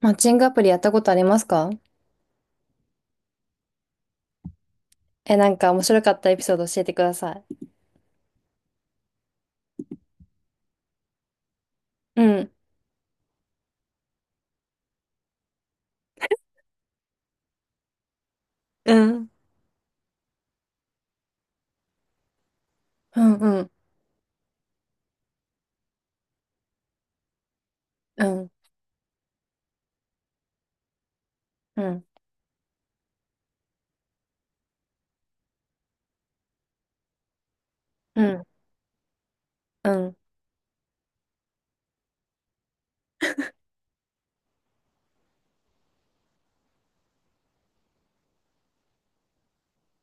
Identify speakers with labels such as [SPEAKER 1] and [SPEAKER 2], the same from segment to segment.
[SPEAKER 1] マッチングアプリやったことありますか？え、なんか面白かったエピソード教えてください。うん。うん。うん、うん、うん、うん、うん、うん、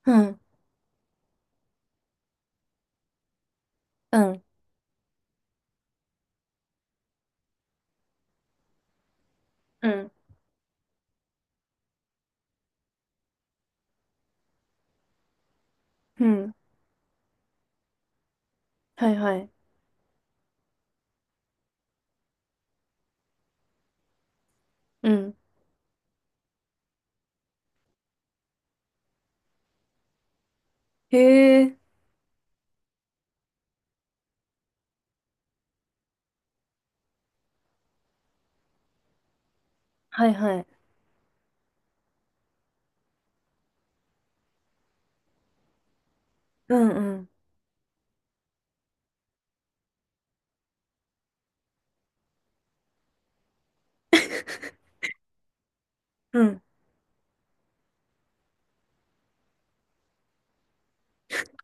[SPEAKER 1] うん、うん、うん、うん、はいはい。うん。へえ。はいはい。うん、うん、うん。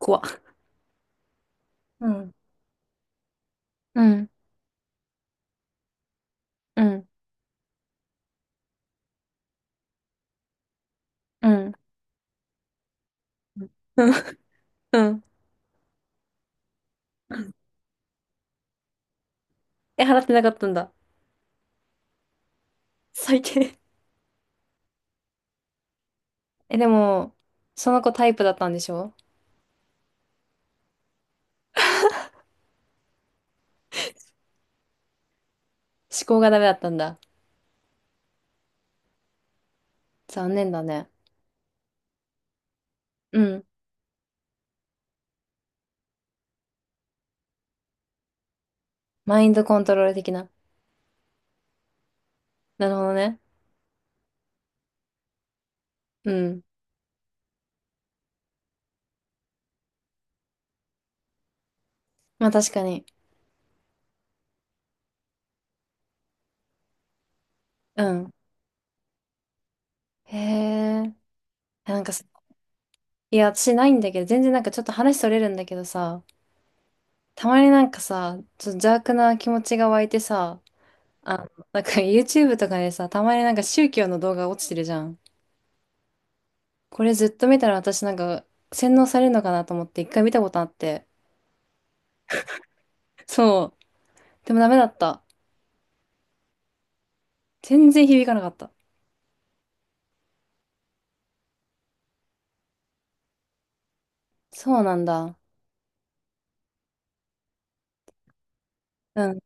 [SPEAKER 1] 怖っ。うん、うん、うん、うん。うん。うんえ、払ってなかったんだ。最低。え、でも、その子タイプだったんでしょ？思考がダメだったんだ。残念だね。うん。マインドコントロール的な。なるほどね。うん。まあ確かに。うん。へえ。いやなんかさ、いや、私ないんだけど、全然なんかちょっと話それるんだけどさ、たまになんかさ、ちょっと邪悪な気持ちが湧いてさ、なんか YouTube とかでさ、たまになんか宗教の動画落ちてるじゃん。これずっと見たら私なんか洗脳されるのかなと思って一回見たことあって。そう。でもダメだった。全然響かなかった。そうなんだ。うん。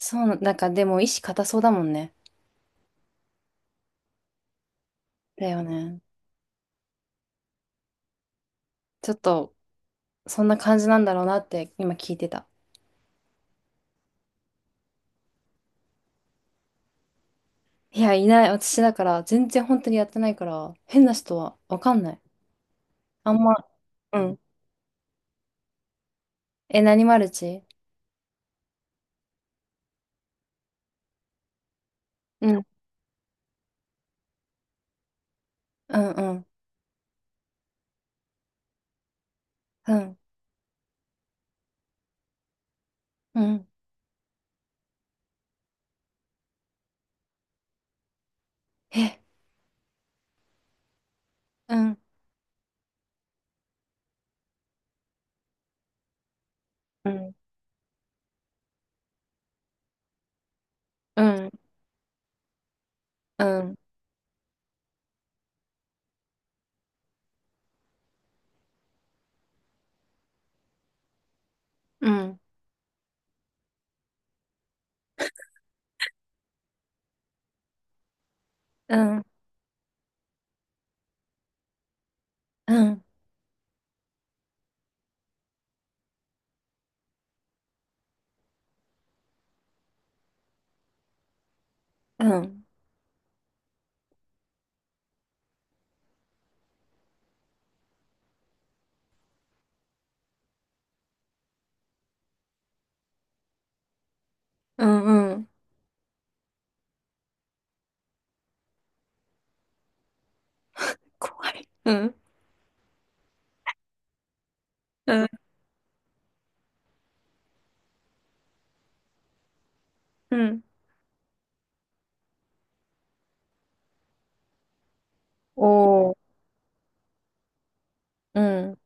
[SPEAKER 1] なんかでも意志固そうだもんね。だよね。ちょっと、そんな感じなんだろうなって今聞いてた。いや、いない。私だから、全然本当にやってないから、変な人はわかんない。あんま、うん。え、何マルチ？うん。うん、うん、うん、うん。え、うん、うん、うん、うん、うん、うん、うん、うん、うん、うん。怖い。うん、うん、うん。おー。うん、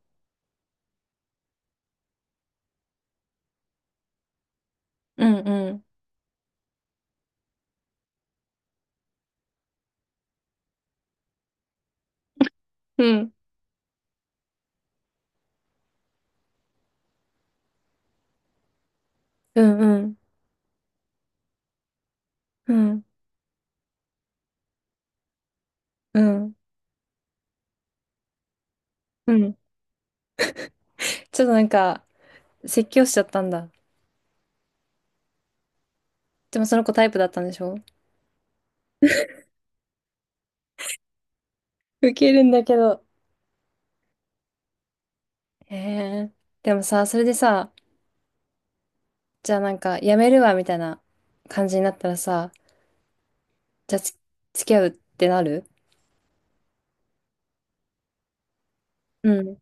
[SPEAKER 1] うん、うん、うん、うん、うん、うん、うん、うん。ちょっとなんか、説教しちゃったんだ。でもその子タイプだったんでしょ？ウケるんだけど。へえ。でもさ、それでさ、じゃあなんか、やめるわ、みたいな感じになったらさ、じゃあ、付き合うってなる？うん。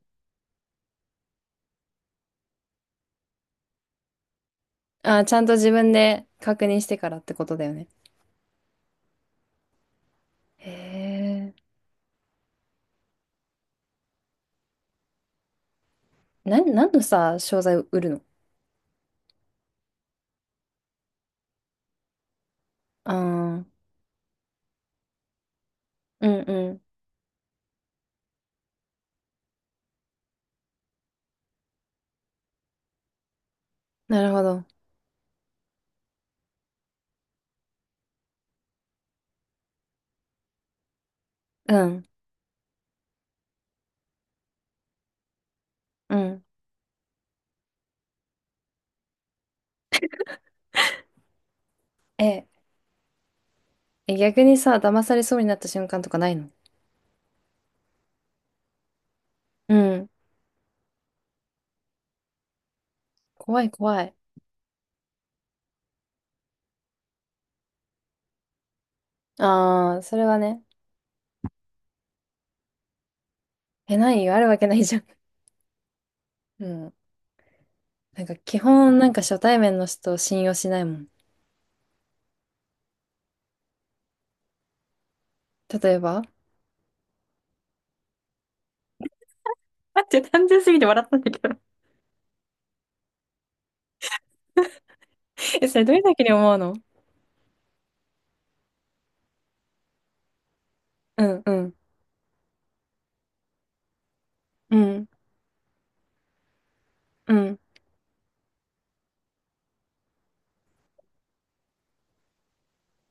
[SPEAKER 1] あー、ちゃんと自分で確認してからってことだよね。へえ。何のさ、商材を売るの？ああー、うんうん。なるほど。うん、うん。え、え、逆にさ、騙されそうになった瞬間とかないの？うん。怖い怖い。ああ、それはね。え、ないよ。あるわけないじゃん。うん。なんか基本なんか初対面の人を信用しないもん。例えば？待って、単純すぎて笑ったんだけど。え、それどういう時に思うの？うん、うん、うん、うん、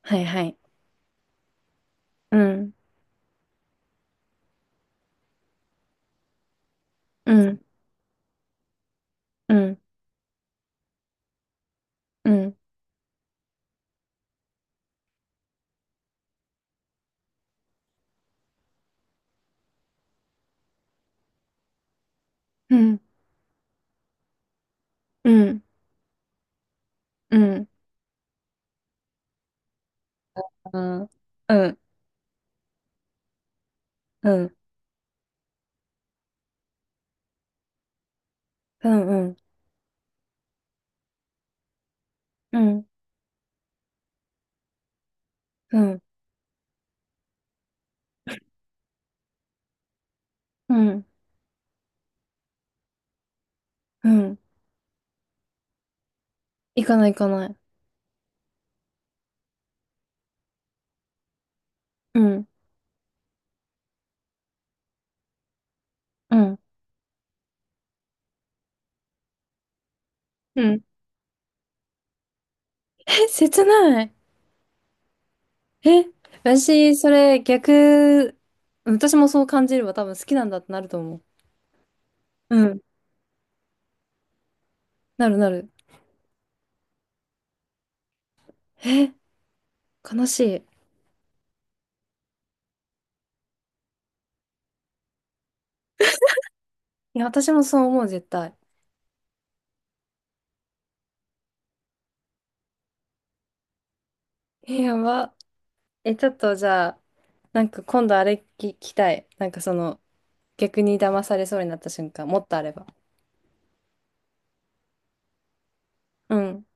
[SPEAKER 1] はいはい。うん、うん、うん、うん、うん、うん、うん、うん。うん、うん、うん、うん、うん、うん、うん。行かない行かない。うん、うん、うん。え、切ない。え、私、それ逆、私もそう感じれば多分好きなんだってなると思う。うん、なるなる。え、悲しい。いや、私もそう思う、絶対。え、やば。え、ちょっとじゃあ、なんか今度あれ聞きたい。なんかその、逆に騙されそうになった瞬間、もっとあれば。うん。